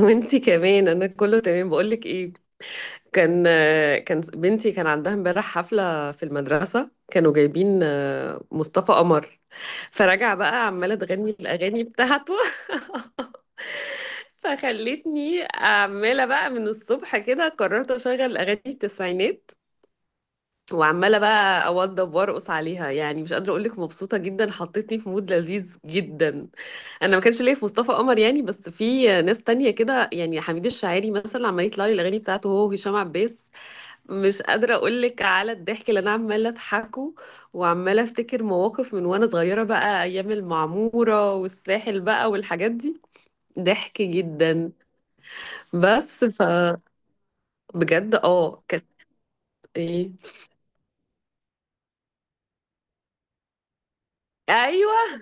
وانتي كمان، انا كله تمام. بقولك ايه، كان كان بنتي كان عندها امبارح حفلة في المدرسة. كانوا جايبين مصطفى قمر، فرجع بقى عمالة تغني الأغاني بتاعته. فخلتني عمالة بقى من الصبح كده. قررت أشغل أغاني التسعينات، وعمالة بقى أوضب وأرقص عليها، يعني مش قادرة أقولك مبسوطة جدا، حطيتني في مود لذيذ جدا. انا ما كانش ليا في مصطفى قمر يعني، بس في ناس تانية كده، يعني حميد الشاعري مثلا عمال يطلع لي الاغاني بتاعته، هو وهشام عباس. مش قادره اقول لك على الضحك اللي انا عماله اضحكه، وعماله افتكر مواقف من وانا صغيره بقى، ايام المعموره والساحل بقى والحاجات دي. ضحك جدا. بس بجد كانت. ايه؟ ايوه،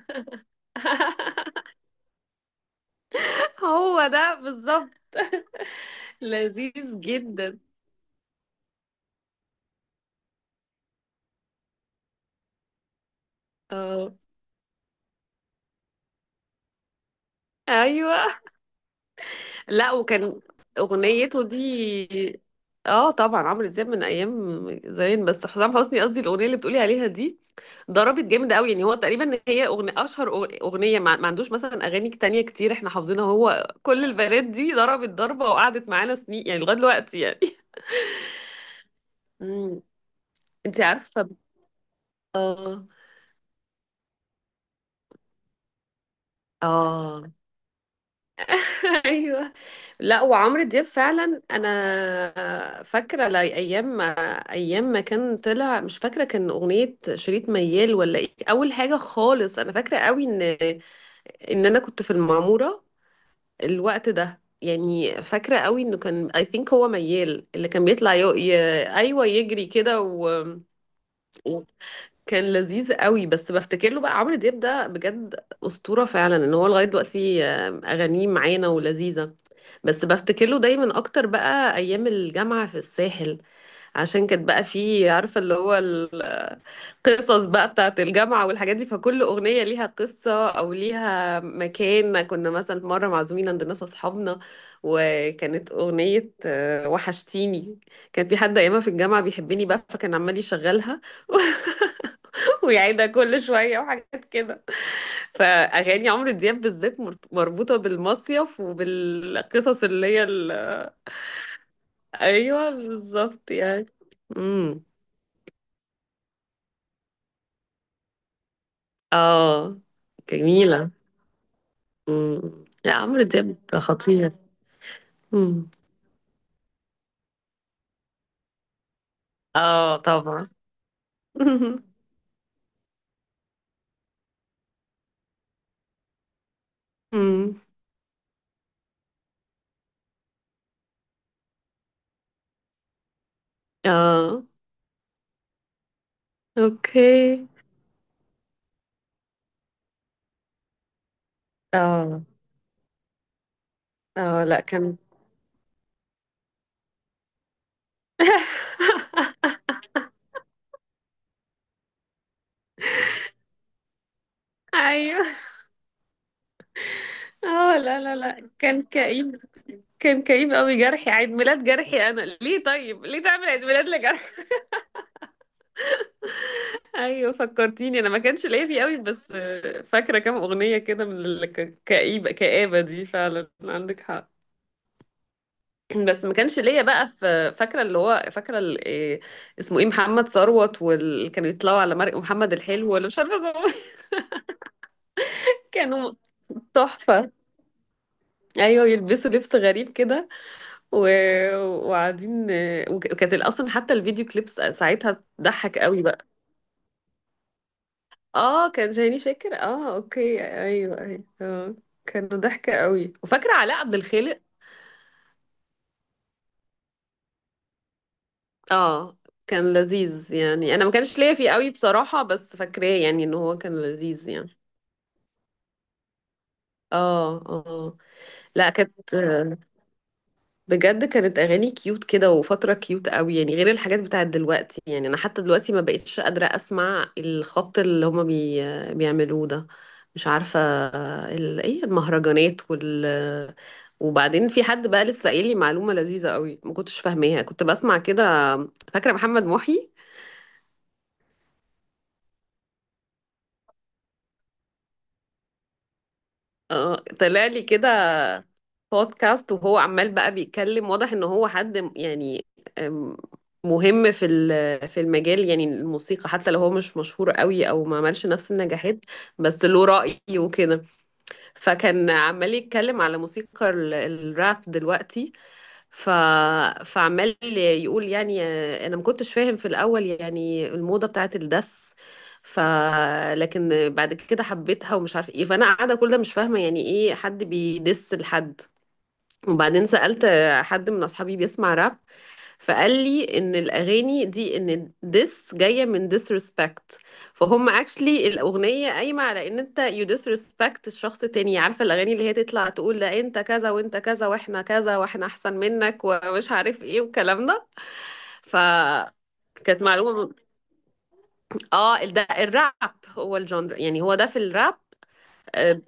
هو ده بالظبط. لذيذ جدا. اه. ايوه. لا، وكان اغنيته دي، اه طبعا عمرو دياب من ايام زمان، بس حسام حسني قصدي، الاغنيه اللي بتقولي عليها دي ضربت جامد قوي. يعني هو تقريبا، هي اغنيه، اشهر اغنيه، ما عندوش مثلا اغاني تانية كتير احنا حافظينها. هو كل البنات دي ضربت ضربه، وقعدت معانا سنين، يعني لغايه دلوقتي يعني. امم انت عارفه. اه. اه. ايوه. لا، وعمرو دياب فعلا انا فاكره، ايام ما، ايام ما كان طلع، مش فاكره كان اغنيه شريط ميال ولا ايه اول حاجه خالص. انا فاكره قوي ان انا كنت في المعموره الوقت ده يعني. فاكره قوي انه كان اي ثينك هو ميال اللي كان بيطلع ايوه يجري كده كان لذيذ قوي. بس بفتكر له بقى، عمرو دياب ده بجد أسطورة فعلا، ان هو لغاية دلوقتي اغانيه معانا ولذيذة. بس بفتكر له دايما اكتر بقى ايام الجامعة في الساحل، عشان كانت بقى فيه، عارفة اللي هو القصص بقى بتاعت الجامعة والحاجات دي. فكل اغنية ليها قصة او ليها مكان. كنا مثلا مرة معزومين عند ناس اصحابنا، وكانت اغنية وحشتيني، كان في حد ايامها في الجامعة بيحبني بقى، فكان عمال يشغلها ويعيدها كل شوية وحاجات كده. فأغاني عمرو دياب بالذات مربوطة بالمصيف وبالقصص، اللي هي أيوة بالظبط يعني. امم. اه. جميلة. امم. لا، عمرو دياب خطير. امم. اه طبعا. امم. اه اوكي. اه. اه لا كان. ايوه. اه، لا لا لا، كان كئيب. كان كئيب قوي. جرحي، عيد ميلاد جرحي، انا ليه؟ طيب ليه تعمل عيد ميلاد لجرحي؟ ايوه فكرتيني. انا ما كانش ليا فيه قوي بس فاكره كام اغنيه كده من الكئيبه. كآبه دي فعلا، عندك حق. بس ما كانش ليا بقى في، فاكره اللي هو فاكره إيه اسمه، ايه، محمد ثروت، واللي كانوا يطلعوا على مرق، محمد الحلو ولا مش عارفه اسمه. كانوا تحفه. ايوه، يلبسوا لبس غريب كده و... وقاعدين وكانت اصلا حتى الفيديو كليبس ساعتها بتضحك قوي بقى. اه كان شهيني شاكر. اه اوكي، ايوه ايوه اه. كانوا ضحكة قوي. وفاكرة علاء عبد الخالق. اه، كان لذيذ يعني. انا ما كانش ليا فيه قوي بصراحة، بس فاكراه يعني ان هو كان لذيذ يعني. اه. اه. آه. لا، كانت، بجد كانت اغاني كيوت كده، وفتره كيوت قوي يعني، غير الحاجات بتاعت دلوقتي يعني. انا حتى دلوقتي ما بقتش قادره اسمع الخبط اللي هما بيعملوه ده. مش عارفه، ايه المهرجانات وبعدين في حد بقى لسه قايل لي معلومه لذيذه قوي ما كنتش فاهماها، كنت بسمع كده. فاكره محمد محي، اه طلع لي كده بودكاست، وهو عمال بقى بيتكلم، واضح ان هو حد يعني، أم، مهم في في المجال يعني، الموسيقى، حتى لو هو مش مشهور قوي او ما عملش نفس النجاحات، بس له رأي وكده. فكان عمال يتكلم على موسيقى الراب دلوقتي. ف فعمال يقول يعني، انا ما كنتش فاهم في الاول يعني الموضة بتاعت الدس. ف لكن بعد كده حبيتها ومش عارف ايه. فانا قاعده كل ده مش فاهمه يعني ايه حد بيدس لحد. وبعدين سألت حد من أصحابي بيسمع راب، فقال لي إن الأغاني دي إن ديس، جاية من disrespect. فهم actually الأغنية قايمة على إن أنت you disrespect الشخص التاني. عارفة الأغاني اللي هي تطلع تقول لا أنت كذا وأنت كذا وإحنا كذا وإحنا أحسن منك، ومش عارف إيه والكلام ده. ف كانت معلومة. اه، ده الراب. هو الجانر يعني، هو ده في الراب. اه.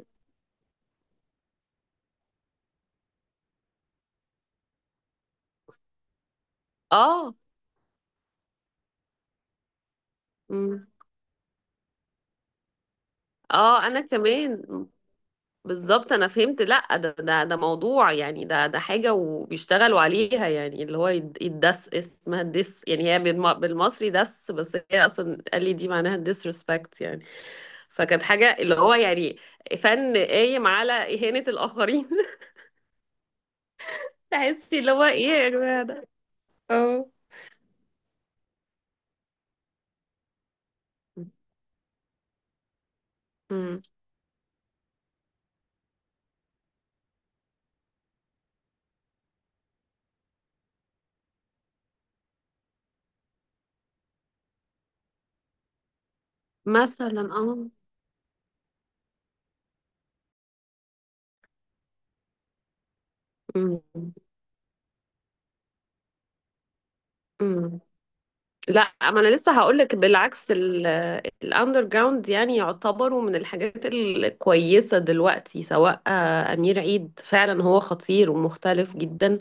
آه. مم. اه انا كمان بالظبط. انا فهمت لا، ده موضوع يعني، ده حاجه وبيشتغلوا عليها. يعني اللي هو يدس، اسمها دس، يعني هي بالمصري دس، بس هي اصلا قال لي دي معناها disrespect يعني. فكانت حاجه اللي هو يعني فن قايم على اهانه الاخرين. تحسي اللي هو ايه يا جماعه ده. اه. أمم. مثلا اه. أمم. أمم. لا، ما انا لسه هقولك، بالعكس الاندر جراوند يعني يعتبروا من الحاجات الكويسه دلوقتي، سواء امير عيد فعلا هو خطير ومختلف جدا.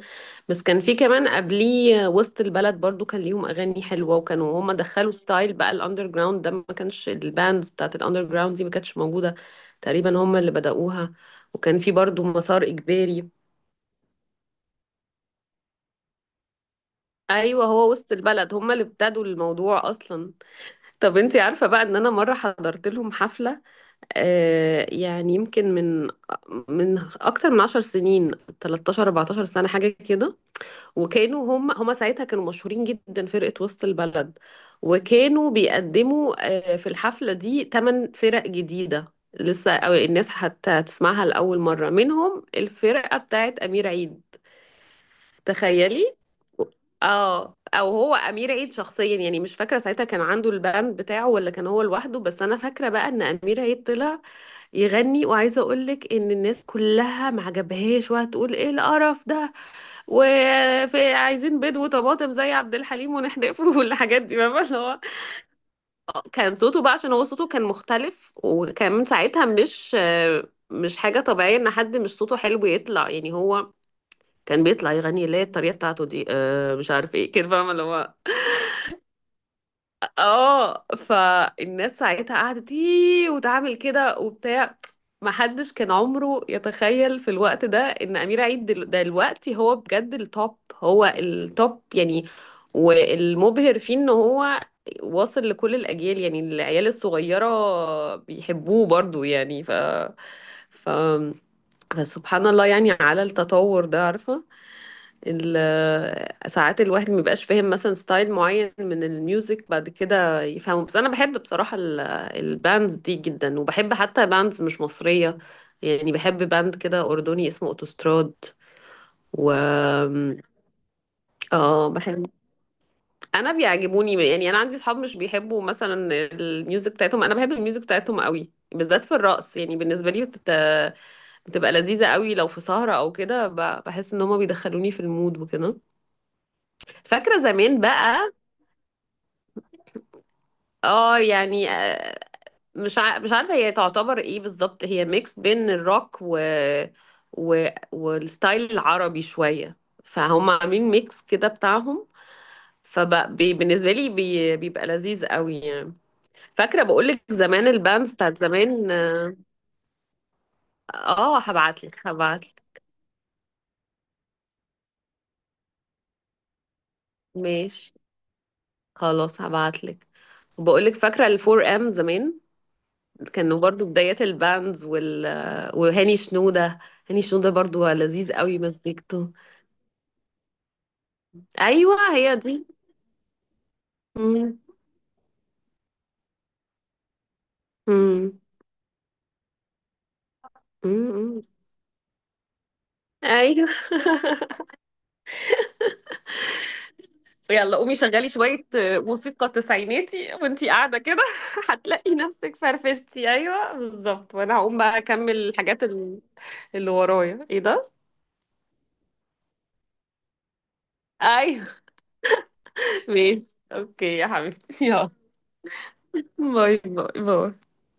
بس كان في كمان قبليه وسط البلد برضو، كان ليهم اغاني حلوه، وكانوا هما دخلوا ستايل بقى الاندر جراوند ده، ما كانش الباندز بتاعت الاندر جراوند دي ما كانتش موجوده. تقريبا هما اللي بدأوها. وكان في برضو مسار اجباري. ايوه، هو وسط البلد هما اللي ابتدوا الموضوع اصلا. طب انتي عارفة بقى ان انا مرة حضرت لهم حفلة يعني يمكن، من اكتر من 10 سنين، 13 14 سنة حاجة كده. وكانوا هم ساعتها كانوا مشهورين جدا، فرقة وسط البلد. وكانوا بيقدموا في الحفلة دي 8 فرق جديدة لسه، أو الناس حتى تسمعها لأول مرة، منهم الفرقة بتاعت أمير عيد. تخيلي. اه. او هو امير عيد شخصيا يعني، مش فاكره ساعتها كان عنده الباند بتاعه ولا كان هو لوحده. بس انا فاكره بقى ان امير عيد طلع يغني، وعايزه اقول لك ان الناس كلها ما عجبهاش، وهتقول ايه القرف ده. وفي عايزين بيض وطماطم زي عبد الحليم ونحدفه، والحاجات دي، فاهمه اللي هو كان صوته بقى، عشان هو صوته كان مختلف، وكان من ساعتها، مش حاجه طبيعيه ان حد مش صوته حلو يطلع. يعني هو كان بيطلع يغني اللي هي الطريقه بتاعته دي، مش عارف ايه كده، فاهمه اللي هو. اه، فالناس ساعتها قعدت ايه وتعمل كده وبتاع. محدش كان عمره يتخيل في الوقت ده ان امير عيد دلوقتي هو بجد التوب، هو التوب يعني. والمبهر فيه ان هو واصل لكل الاجيال، يعني العيال الصغيره بيحبوه برضو يعني. ف ف فسبحان الله يعني على التطور ده، عارفه. ساعات الواحد مبيبقاش فاهم مثلا ستايل معين من الميوزك بعد كده يفهمه. بس انا بحب بصراحة الباندز دي جدا، وبحب حتى باندز مش مصرية، يعني بحب باند كده أردني اسمه أوتوستراد و اه بحب. انا بيعجبوني يعني. انا عندي اصحاب مش بيحبوا مثلا الميوزك بتاعتهم، انا بحب الميوزك بتاعتهم قوي، بالذات في الرقص يعني. بالنسبة لي بتبقى لذيذة قوي لو في سهرة او كده. بحس ان هما بيدخلوني في المود وكده. فاكرة زمان بقى، اه يعني، مش عارفه هي تعتبر ايه بالظبط. هي ميكس بين الروك و... والستايل العربي شويه، فهم عاملين ميكس كده بتاعهم. فبالنسبه لي بيبقى لذيذ قوي يعني. فاكره بقولك زمان، الباندز بتاعت زمان. اه، هبعتلك هبعتلك. ماشي، خلاص هبعتلك. بقولك فاكره الفور ام زمان، كانوا برضو بدايات الباندز وهاني شنوده. هاني شنوده برضو لذيذ قوي مزيكته. ايوه هي دي. مم. مم. مم. ايوه. يلا قومي شغلي شوية موسيقى تسعيناتي وانتي قاعدة كده. هتلاقي نفسك فرفشتي. ايوه بالظبط، وانا هقوم بقى اكمل الحاجات اللي ورايا ايه ده. ايوه. ماشي. اوكي يا حبيبتي، يلا باي باي باي.